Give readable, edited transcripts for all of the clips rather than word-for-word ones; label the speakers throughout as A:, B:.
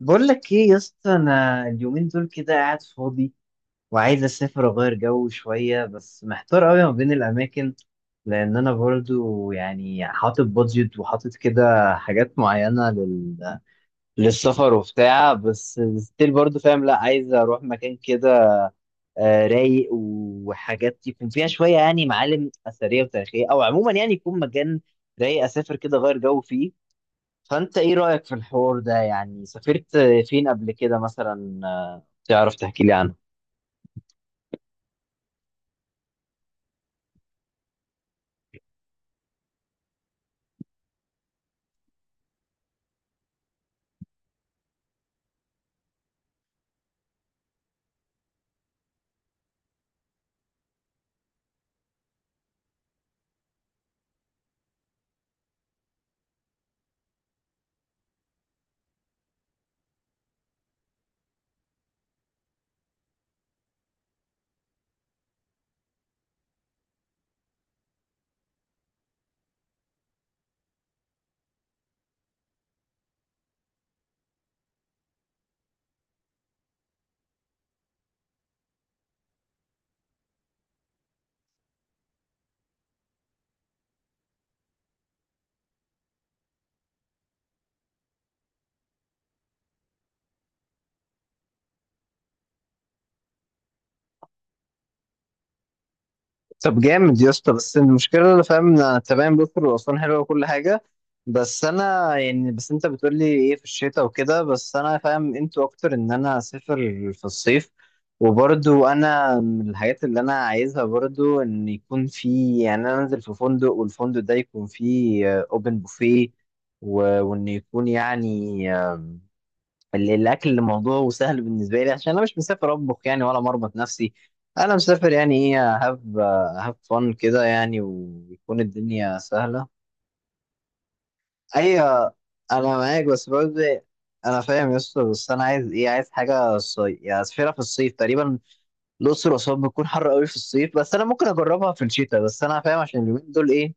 A: بقول لك ايه يا اسطى؟ انا اليومين دول كده قاعد فاضي وعايز اسافر اغير جو شويه، بس محتار قوي ما بين الاماكن. لان انا برضو يعني حاطط بادجت وحاطط كده حاجات معينه للسفر وبتاع، بس ستيل برضو فاهم. لا، عايز اروح مكان كده رايق وحاجات يكون فيها شويه، يعني معالم اثريه وتاريخيه، او عموما يعني يكون مكان رايق اسافر كده اغير جو فيه. فانت ايه رايك في الحوار ده؟ يعني سافرت فين قبل كده مثلا؟ تعرف تحكي لي عنه؟ طب جامد يا اسطى، بس المشكله اللي فاهم إن انا تمام، بكر واسوان حلوه وكل حاجه، بس انا يعني بس انت بتقول لي ايه في الشتاء وكده، بس انا فاهم انتوا اكتر ان انا اسافر في الصيف. وبرضو انا من الحاجات اللي انا عايزها برضو ان يكون في، يعني انا انزل في فندق والفندق ده يكون فيه اوبن بوفيه، وان يكون يعني الاكل موضوع سهل بالنسبه لي، عشان انا مش مسافر اطبخ يعني ولا مربط نفسي. انا مسافر يعني ايه، هاف فن كده يعني، ويكون الدنيا سهله. ايوه، انا معاك بس برضه. انا فاهم يا اسطى، بس انا عايز ايه، عايز حاجه صيف يعني، اسافرها في الصيف تقريبا. الاقصر واسوان بتكون حر قوي في الصيف، بس انا ممكن اجربها في الشتاء، بس انا فاهم عشان اليومين دول ايه،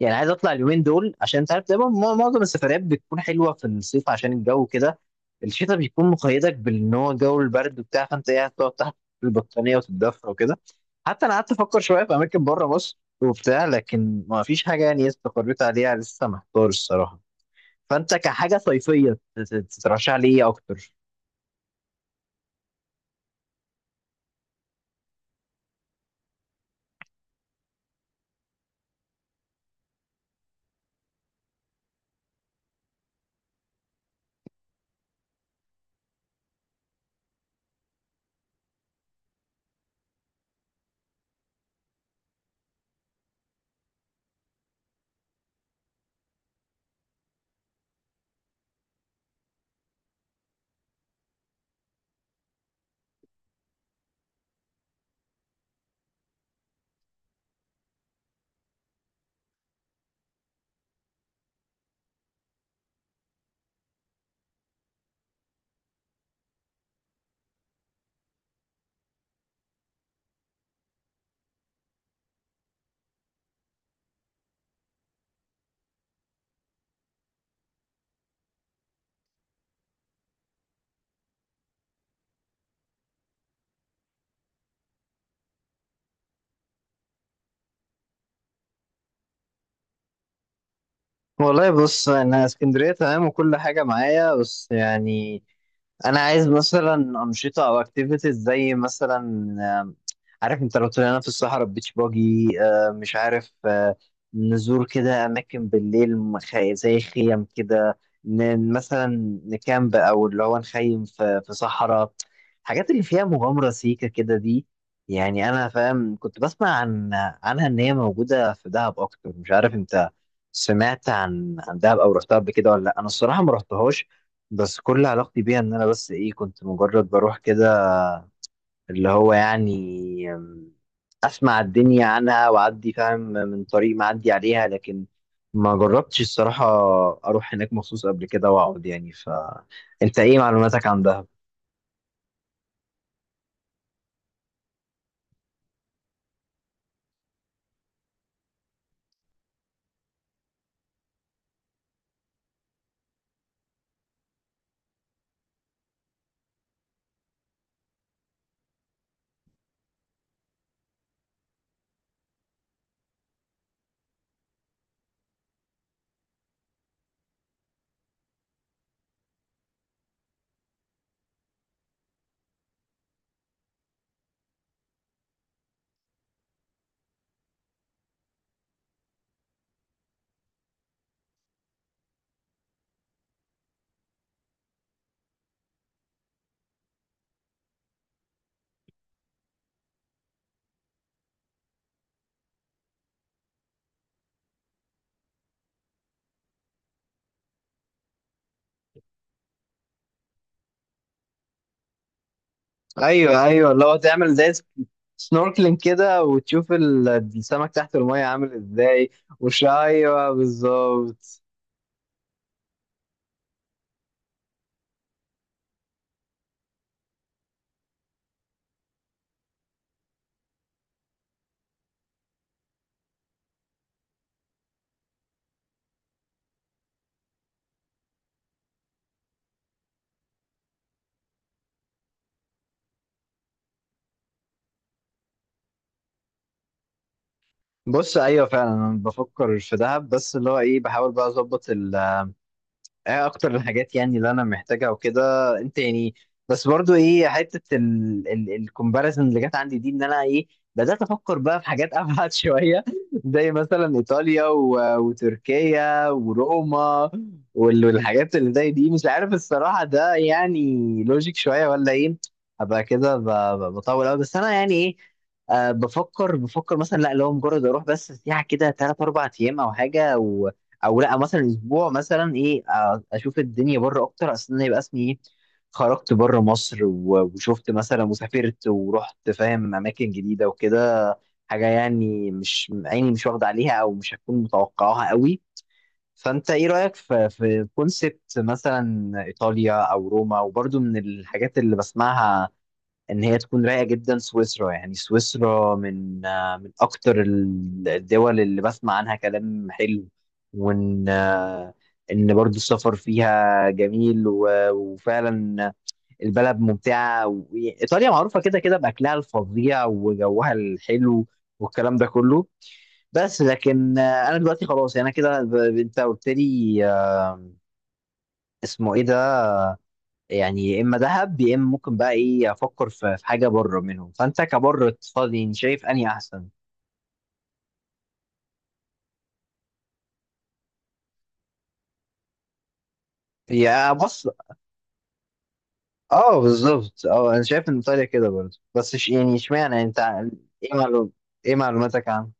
A: يعني عايز اطلع اليومين دول، عشان انت عارف دايما معظم السفريات بتكون حلوه في الصيف، عشان الجو كده. الشتاء بيكون مقيدك بان هو الجو البرد وبتاع، فانت قاعد تقعد تحت البطانيه وتتدفى وكده. حتى انا قعدت افكر شويه في اماكن بره مصر وبتاع، لكن ما فيش حاجه يعني استقريت عليها، لسه محتار الصراحه. فانت كحاجه صيفيه، تترشح لي ايه اكتر؟ والله بص، انا اسكندريه تمام وكل حاجه معايا، بس يعني انا عايز مثلا انشطه او اكتيفيتيز، زي مثلا آم، عارف، انت لو طلعنا في الصحراء بيتش باجي، مش عارف، نزور كده اماكن بالليل زي خيم كده، مثلا نكامب، او اللي هو نخيم في صحراء، الحاجات اللي فيها مغامره سيكه كده دي. يعني انا فاهم كنت بسمع عنها ان هي موجوده في دهب اكتر، مش عارف انت سمعت عن دهب او رحتها قبل كده ولا لا، انا الصراحه ما رحتهاش. بس كل علاقتي بيها ان انا بس ايه، كنت مجرد بروح كده اللي هو يعني اسمع الدنيا عنها واعدي فاهم من طريق معدي عليها، لكن ما جربتش الصراحه اروح هناك مخصوص قبل كده واقعد يعني. فانت ايه معلوماتك عن دهب؟ ايوه، ايوه، اللي هو تعمل زي سنوركلينج كده، وتشوف السمك تحت الميه عامل ازاي. وش، ايوه بالظبط. بص، ايوه فعلا انا بفكر في دهب، بس اللي هو ايه، بحاول بقى اظبط ايه اكتر الحاجات يعني اللي انا محتاجها وكده. انت يعني بس برضو ايه حته الكومباريزن اللي جت عندي دي، ان انا ايه بدات افكر بقى في حاجات ابعد شويه، زي مثلا ايطاليا وتركيا وروما والحاجات اللي زي دي، مش عارف الصراحه ده يعني لوجيك شويه ولا ايه؟ ابقى كده بطول قوي، بس انا يعني ايه بفكر مثلا، لا لو مجرد اروح بس سياحه كده 3 4 ايام او حاجه. او لا، مثلا اسبوع مثلا ايه اشوف الدنيا بره اكتر، اصل انا يبقى اسمي ايه، خرجت بره مصر وشفت مثلا وسافرت ورحت فاهم اماكن جديده وكده، حاجه يعني مش عيني مش واخده عليها او مش هتكون متوقعاها قوي. فانت ايه رايك في كونسبت مثلا ايطاليا او روما، وبرضو من الحاجات اللي بسمعها ان هي تكون رايقه جدا سويسرا، يعني سويسرا من من اكتر الدول اللي بسمع عنها كلام حلو. وان آه، ان برضو السفر فيها جميل وفعلا البلد ممتعه، ايطاليا معروفه كده كده باكلها الفظيع وجوها الحلو والكلام ده كله. بس لكن انا دلوقتي خلاص يعني انا كده انت قلت لي اسمه ايه ده، يعني يا اما دهب يا اما ممكن بقى ايه افكر في حاجه بره منهم، فانت كبره اقتصادي يعني شايف اني احسن؟ يا بص، اه بالظبط، اه انا شايف ان ايطاليا كده برضه، بس يعني اشمعنى انت ايه معلوم ايه معلوماتك عنه؟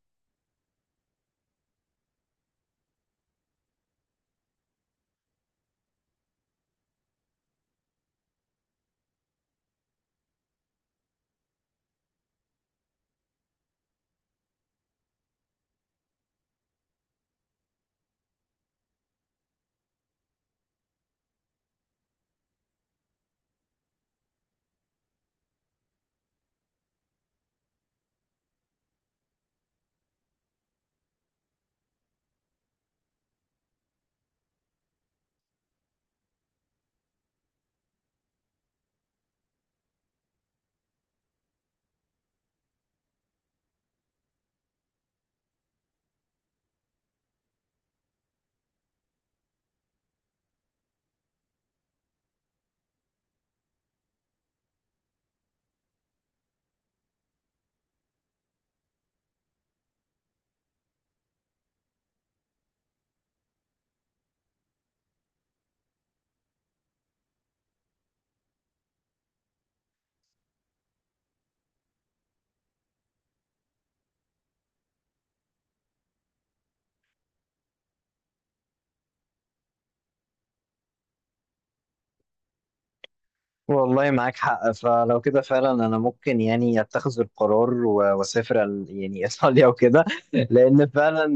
A: والله معاك حق، فلو كده فعلا انا ممكن يعني اتخذ القرار واسافر يعني ايطاليا وكده، لان فعلا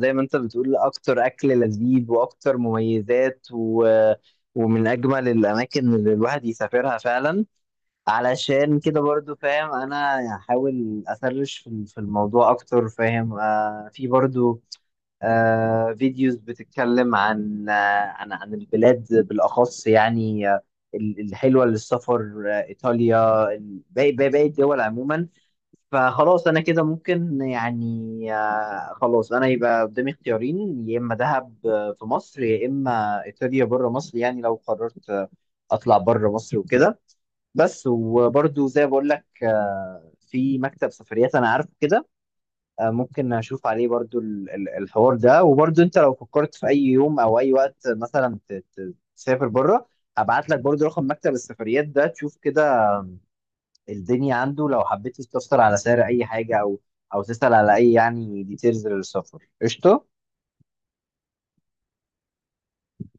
A: زي ما انت بتقول اكتر اكل لذيذ واكتر مميزات ومن اجمل الاماكن اللي الواحد يسافرها فعلا. علشان كده برضو فاهم انا هحاول اسرش في الموضوع اكتر، فاهم في برضو فيديوز بتتكلم عن البلاد بالاخص، يعني الحلوه للسفر ايطاليا، باقي الدول عموما. فخلاص انا كده ممكن يعني خلاص انا يبقى قدامي اختيارين، يا اما دهب في مصر، يا اما ايطاليا بره مصر، يعني لو قررت اطلع بره مصر وكده. بس وبرضو زي ما بقول لك في مكتب سفريات انا عارفه كده، ممكن اشوف عليه برضو الحوار ده، وبرضو انت لو فكرت في اي يوم او اي وقت مثلا تسافر بره، هبعت لك برضو رقم مكتب السفريات ده، تشوف كده الدنيا عنده لو حبيت تستفسر على سعر اي حاجه او تسأل على اي يعني ديتيلز للسفر، قشطه.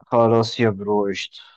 A: خلاص يا برو، قشطه.